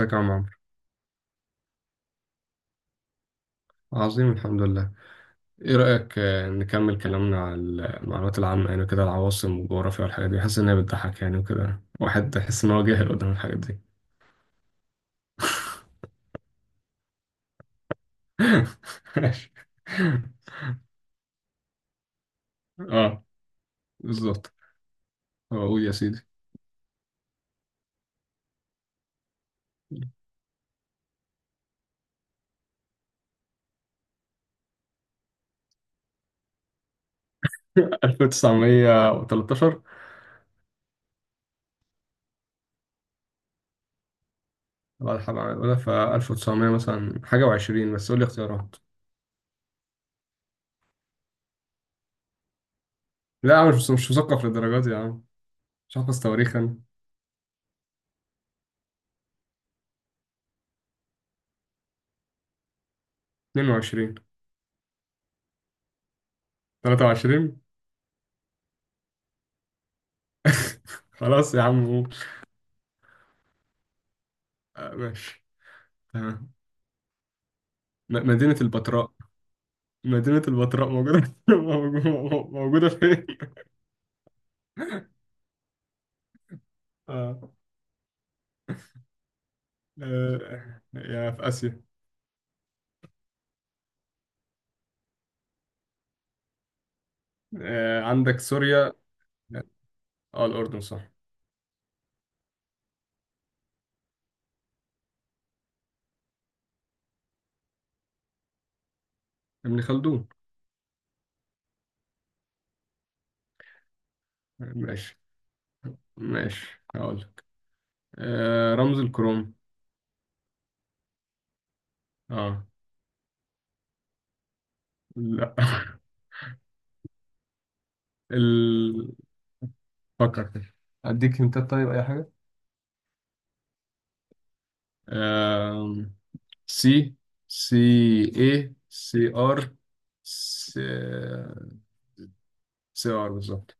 ازيك يا عم عمرو؟ عظيم، الحمد لله. ايه رأيك نكمل كلامنا على المعلومات العامة؟ يعني كده العواصم والجغرافيا والحاجات دي، حاسس انها بتضحك يعني، وكده واحد يحس ان هو جاهل قدام الحاجات دي. ماشي. اه، بالظبط. اقول يا سيدي. 1913. بعد حرب العالمية الأولى، ف 1900 مثلا حاجة وعشرين، بس قول لي اختيارات. لا يا عم، مش مثقف للدرجات دي يا عم. مش حافظ تواريخ أنا. 22. 23. خلاص يا عم قول. ماشي. مدينة البتراء. مدينة البتراء موجودة، موجودة. موجودة فين؟ آه. آه. يا في آسيا. آه. عندك سوريا. اه. الأردن صح. ابن خلدون. ماشي، ماشي هقول لك. آه. رمز الكروم. اه. لا. ال... فكر كده. أديك هنتات طيب أي حاجة. آه. سي. سي. اي سي ار. سي. سي ار بالظبط.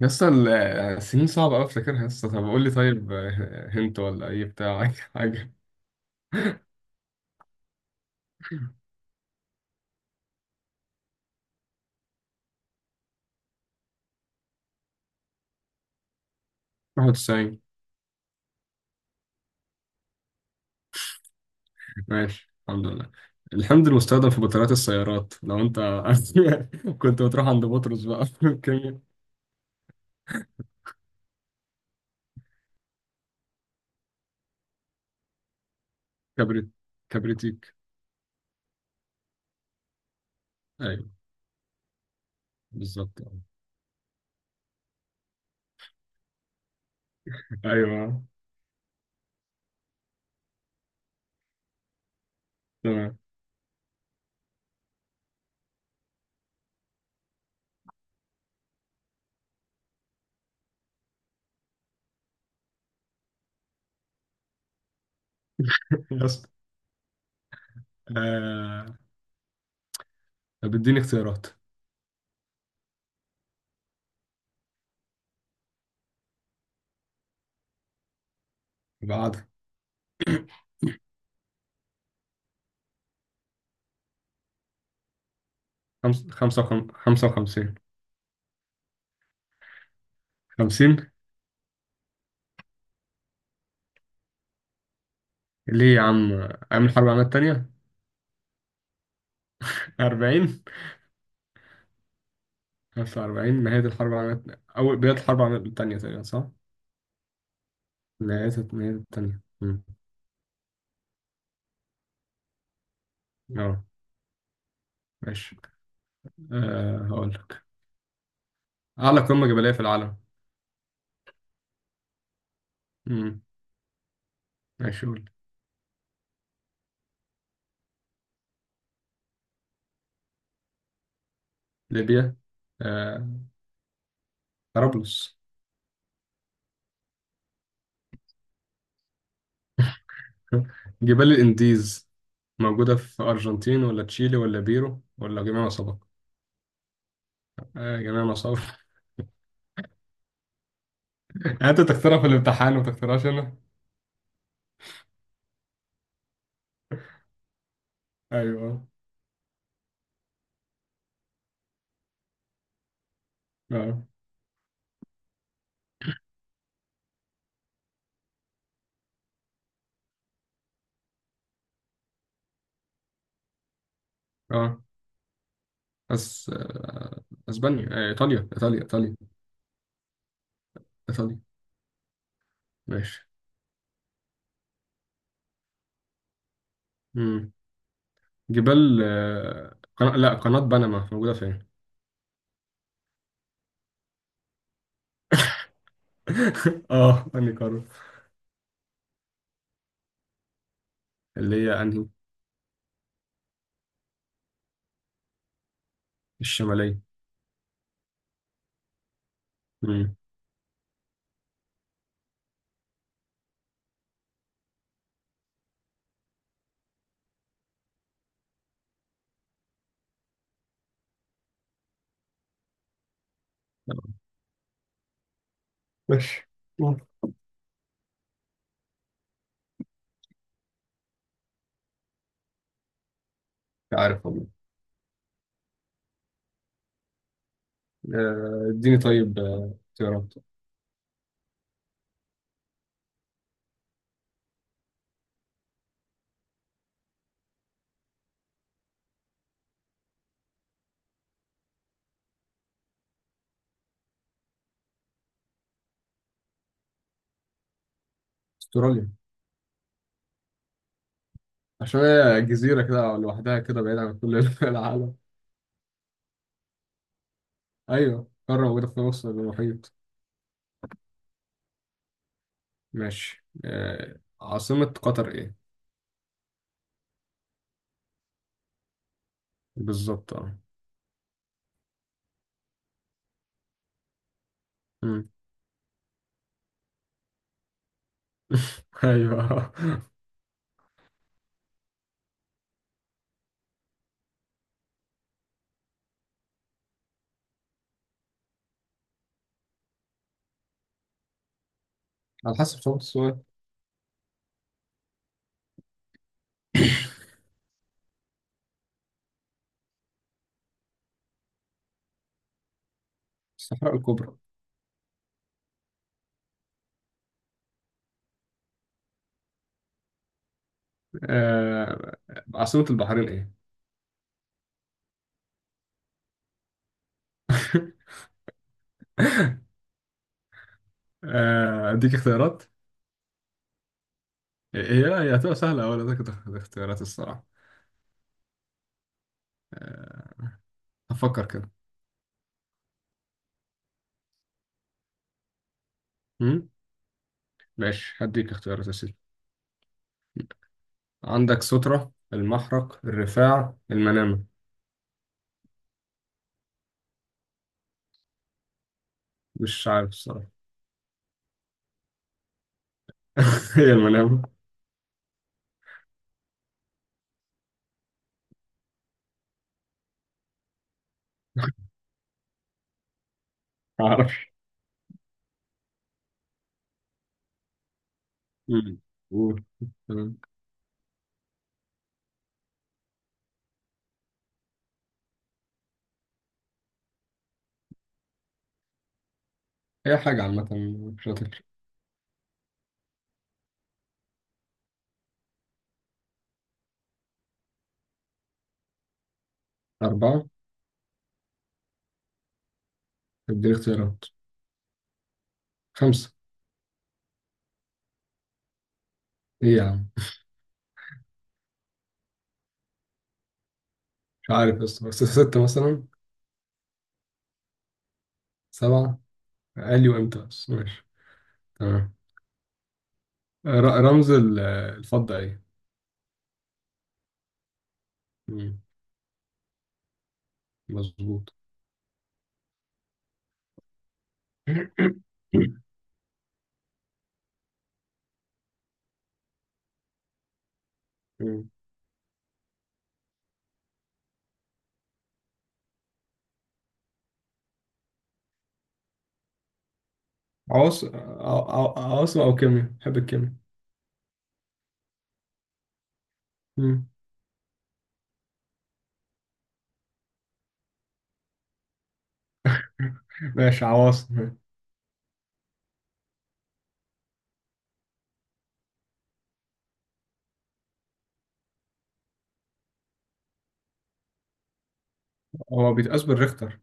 يسطا، السنين صعبة أوي أفتكرها يسطا. طب قول لي طيب هنت ولا أي بتاع؟ أي حاجة. 91. ماشي الحمد لله. الحمض المستخدم في بطاريات السيارات، لو أنت كنت بتروح عند بطرس بقى في الكيمياء. كبريت. كبريتيك. أيوه بالظبط. أيوه تمام. يسطا، آه، طب اديني اختيارات بعد. خمسة، خمسة وخمسين. خمسين. ليه يا عم؟ أيام الحرب العالمية التانية. أربعين. 1940 نهاية الحرب العالمية أول، بداية الحرب العالمية التانية تقريبا، صح؟ نهاية التانية. مم. أه. ماشي. أه هقول لك. أعلى قمة جبلية في العالم. مم. ماشي قول. ليبيا. أه. طرابلس. جبال الإنديز موجودة في أرجنتين ولا تشيلي ولا بيرو ولا جميع ما سبق؟ أه جميع ما سبق. أنت تختارها في الامتحان وما تختارهاش أنا. أيوه. أه. أه. بس أه. أسبانيا. إيطاليا، إيطاليا، إيطاليا، إيطاليا. ماشي. مم. لا، قناة بنما موجودة فين؟ اه انهي قارة. اللي هي انهي؟ الشمالية. مم. ماشي. مم. مش عارف والله. اديني طيب اختيارات. استراليا. عشان هي جزيرة كده لوحدها كده، بعيد عن كل العالم. ايوه، قارة موجودة في نص المحيط. ماشي. عاصمة قطر ايه؟ بالظبط اه. مم. ايوه. على حسب صعوبة السؤال. الصحراء الكبرى. آه، عاصمة البحرين ايه؟ اديك اختيارات. هي هتبقى سهله. اول اديك اختيارات الصراحه. آه، هفكر كده. مم؟ ماشي هديك اختيارات يا سيدي. عندك سترة، المحرق، الرفاع، المنامه. مش عارف الصراحه. هي المنامه. ما اعرفش. مم. قول. تمام. هي حاجه عامه مش هتفرق. اربعه. اديني اختيارات. خمسه. ايه يا عم؟ مش عارف، بس سته مثلا. سبعه. قال لي وامتى بس ماشي. تمام. رمز الفضه ايه؟ مم. مظبوط. مم. عواصم، عواصم او كيمياء. بحب الكيمياء. مم. ماشي. عواصم. هو بيتقاس بالريختر.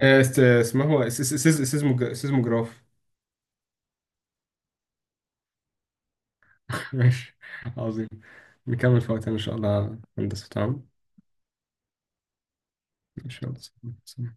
اسمه هو سيزموجراف. ماشي. عظيم. نكمل في وقتنا ان شاء الله هندسة، تمام. ان شاء الله.